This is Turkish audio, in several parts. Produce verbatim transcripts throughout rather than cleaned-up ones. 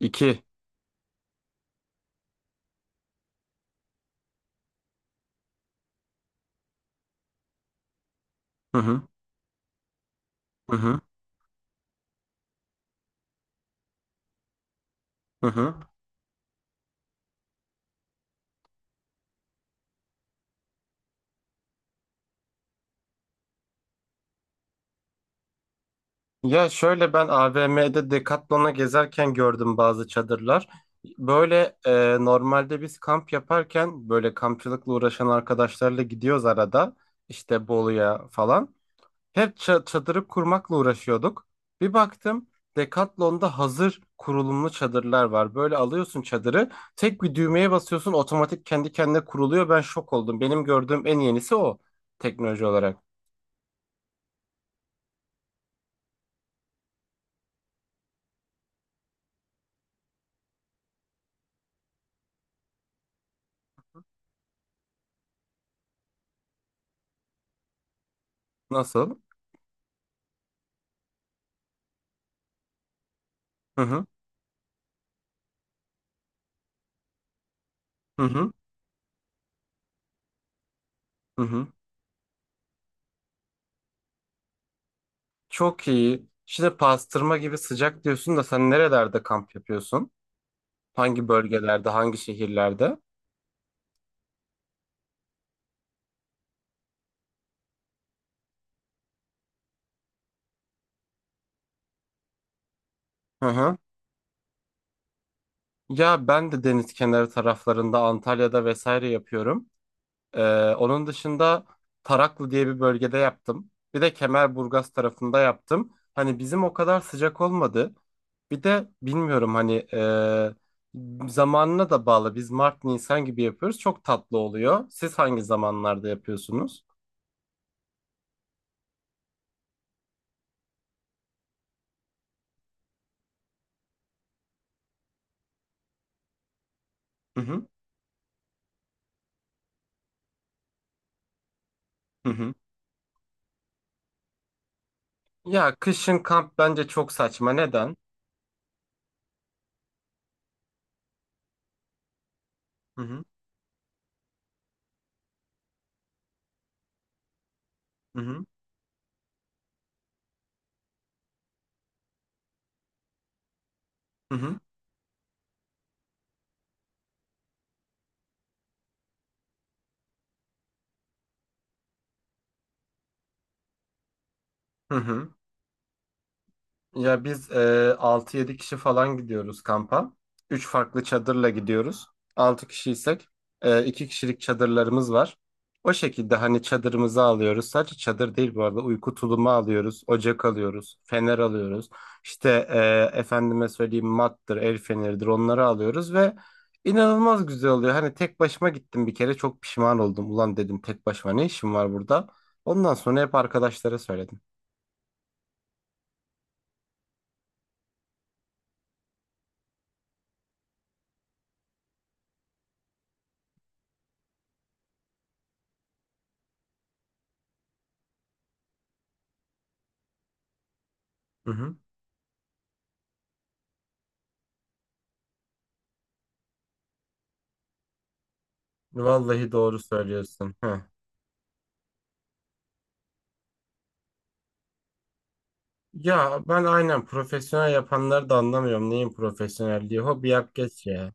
İki. Hı hı. Hı hı. Hı hı. Ya şöyle ben A V M'de Decathlon'a gezerken gördüm bazı çadırlar. Böyle e, normalde biz kamp yaparken böyle kampçılıkla uğraşan arkadaşlarla gidiyoruz arada. İşte Bolu'ya falan. Hep ça- çadırı kurmakla uğraşıyorduk. Bir baktım Decathlon'da hazır kurulumlu çadırlar var. Böyle alıyorsun çadırı, tek bir düğmeye basıyorsun, otomatik kendi kendine kuruluyor. Ben şok oldum. Benim gördüğüm en yenisi o, teknoloji olarak. Nasıl? Hı hı. Hı hı, hı hı. Çok iyi. Şimdi pastırma gibi sıcak diyorsun da sen nerelerde kamp yapıyorsun? Hangi bölgelerde, hangi şehirlerde? Hı hı. Ya ben de deniz kenarı taraflarında Antalya'da vesaire yapıyorum. Ee, Onun dışında Taraklı diye bir bölgede yaptım. Bir de Kemerburgaz tarafında yaptım. Hani bizim o kadar sıcak olmadı. Bir de bilmiyorum hani e, zamanına da bağlı. Biz Mart, Nisan gibi yapıyoruz. Çok tatlı oluyor. Siz hangi zamanlarda yapıyorsunuz? Hı hı. Hı hı. Ya kışın kamp bence çok saçma. Neden? Hı hı. Hı hı. Hı hı. Hı hı. Ya biz e, altı yedi kişi falan gidiyoruz kampa. Üç farklı çadırla gidiyoruz. Altı kişiysek e, iki kişilik çadırlarımız var. O şekilde hani çadırımızı alıyoruz. Sadece çadır değil, bu arada uyku tulumu alıyoruz. Ocak alıyoruz. Fener alıyoruz. İşte e, efendime söyleyeyim, mattır, el feneridir, onları alıyoruz ve inanılmaz güzel oluyor. Hani tek başıma gittim bir kere, çok pişman oldum. Ulan dedim, tek başıma ne işim var burada? Ondan sonra hep arkadaşlara söyledim. Vallahi doğru söylüyorsun. Heh. Ya ben aynen profesyonel yapanları da anlamıyorum. Neyin profesyonelliği? Hobi yap geç ya.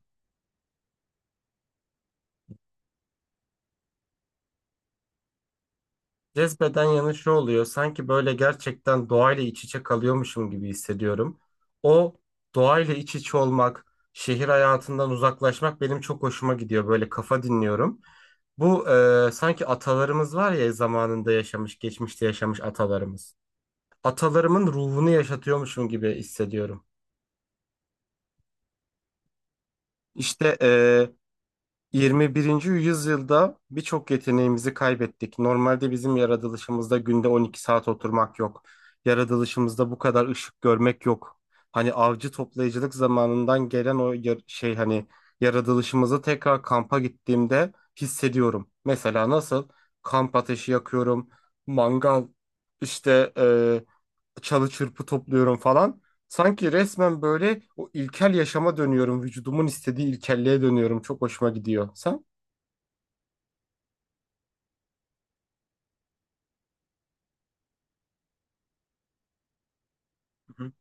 Cezbeden yanı şu oluyor. Sanki böyle gerçekten doğayla iç içe kalıyormuşum gibi hissediyorum. O doğayla iç içe olmak, şehir hayatından uzaklaşmak benim çok hoşuma gidiyor. Böyle kafa dinliyorum. Bu e, Sanki atalarımız var ya, zamanında yaşamış, geçmişte yaşamış atalarımız. Atalarımın ruhunu yaşatıyormuşum gibi hissediyorum. İşte eee, Yirmi birinci yüzyılda birçok yeteneğimizi kaybettik. Normalde bizim yaratılışımızda günde on iki saat oturmak yok. Yaratılışımızda bu kadar ışık görmek yok. Hani avcı toplayıcılık zamanından gelen o yar- şey hani yaratılışımızı tekrar kampa gittiğimde hissediyorum. Mesela nasıl? Kamp ateşi yakıyorum, mangal, işte çalı çırpı topluyorum falan. Sanki resmen böyle o ilkel yaşama dönüyorum. Vücudumun istediği ilkelliğe dönüyorum. Çok hoşuma gidiyor. Sen? Hı hı.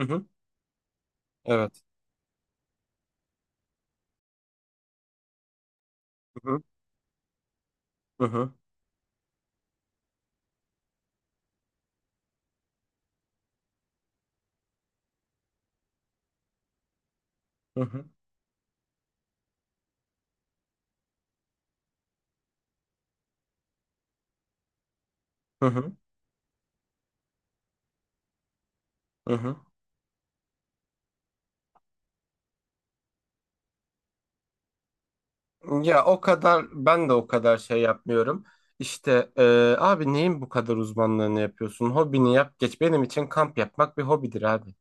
Hı hı, evet. Hı hı. Hı hı. Hı hı. Hı hı. Hı. Hı. Ya o kadar, ben de o kadar şey yapmıyorum. İşte e, Abi neyin bu kadar uzmanlığını yapıyorsun? Hobini yap geç. Benim için kamp yapmak bir hobidir abi.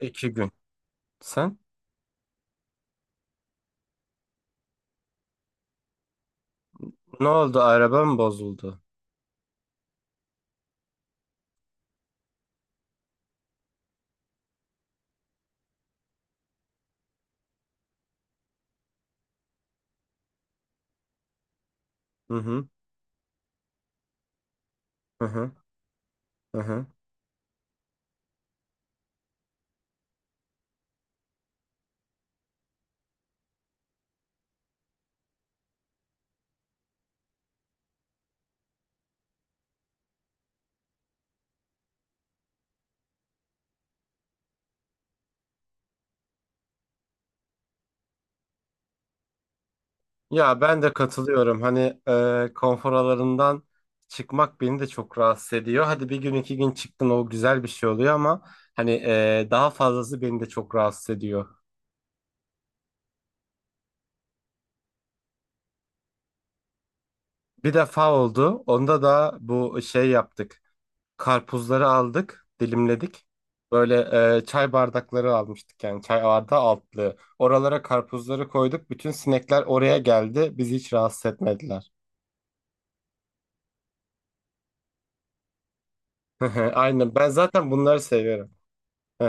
İki gün. Sen? Ne oldu? Araba mı bozuldu? Hı hı. Hı hı. Hı hı. Ya ben de katılıyorum. Hani e, konfor alanından çıkmak beni de çok rahatsız ediyor. Hadi bir gün iki gün çıktın, o güzel bir şey oluyor ama hani e, daha fazlası beni de çok rahatsız ediyor. Bir defa oldu. Onda da bu şey yaptık. Karpuzları aldık, dilimledik. Böyle e, Çay bardakları almıştık, yani çay bardağı altlığı. Oralara karpuzları koyduk. Bütün sinekler oraya geldi. Bizi hiç rahatsız etmediler. Aynen. Ben zaten bunları seviyorum.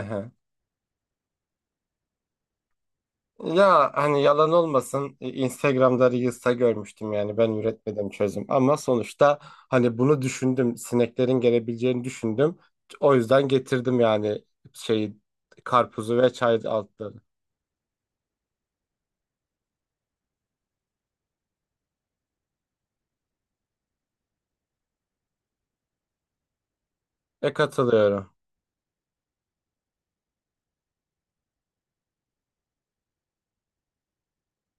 Ya hani yalan olmasın e, Instagram'da Reels'ta görmüştüm, yani ben üretmedim çözüm ama sonuçta hani bunu düşündüm, sineklerin gelebileceğini düşündüm, o yüzden getirdim yani şeyi, karpuzu ve çay altları. E katılıyorum.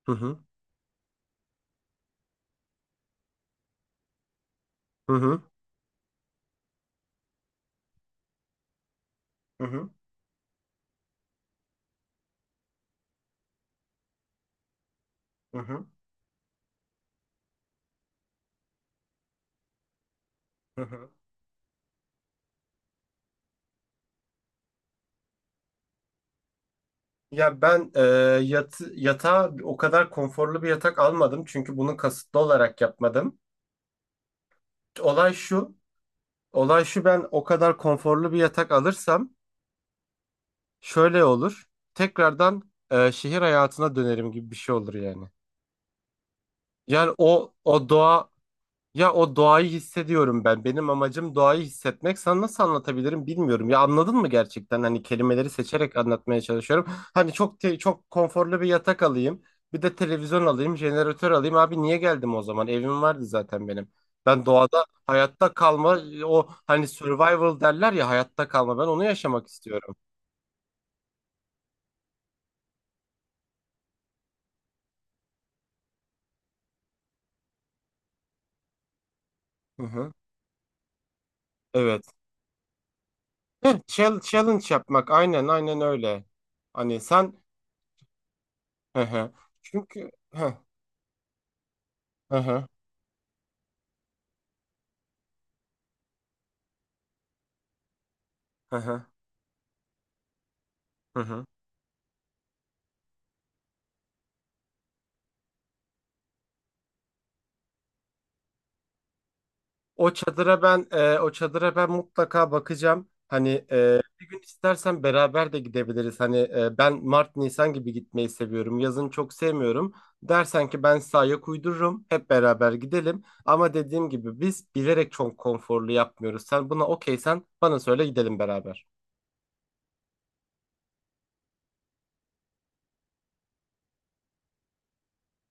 Hı hı, hı hı, hı hı, hı hı. Hı hı. Ya ben e, yatı, Yatağa o kadar konforlu bir yatak almadım çünkü bunu kasıtlı olarak yapmadım. Olay şu, Olay şu, ben o kadar konforlu bir yatak alırsam şöyle olur. Tekrardan e, şehir hayatına dönerim gibi bir şey olur yani. Yani o o doğa, ya o doğayı hissediyorum ben. Benim amacım doğayı hissetmek. Sana nasıl anlatabilirim bilmiyorum. Ya anladın mı gerçekten? Hani kelimeleri seçerek anlatmaya çalışıyorum. Hani çok te- çok konforlu bir yatak alayım. Bir de televizyon alayım, jeneratör alayım. Abi niye geldim o zaman? Evim vardı zaten benim. Ben doğada hayatta kalma, o hani survival derler ya, hayatta kalma. Ben onu yaşamak istiyorum. Hı hı. Evet. Heh, chal- challenge yapmak, aynen aynen öyle. Hani sen, hı hı. Çünkü hı hı, hı hı, hı. Hı hı. O çadıra ben, e, o çadıra ben mutlaka bakacağım. Hani e, bir gün istersen beraber de gidebiliriz. Hani e, ben Mart Nisan gibi gitmeyi seviyorum. Yazın çok sevmiyorum. Dersen ki ben size ayak uydururum, hep beraber gidelim. Ama dediğim gibi biz bilerek çok konforlu yapmıyoruz. Sen buna okeysen bana söyle, gidelim beraber.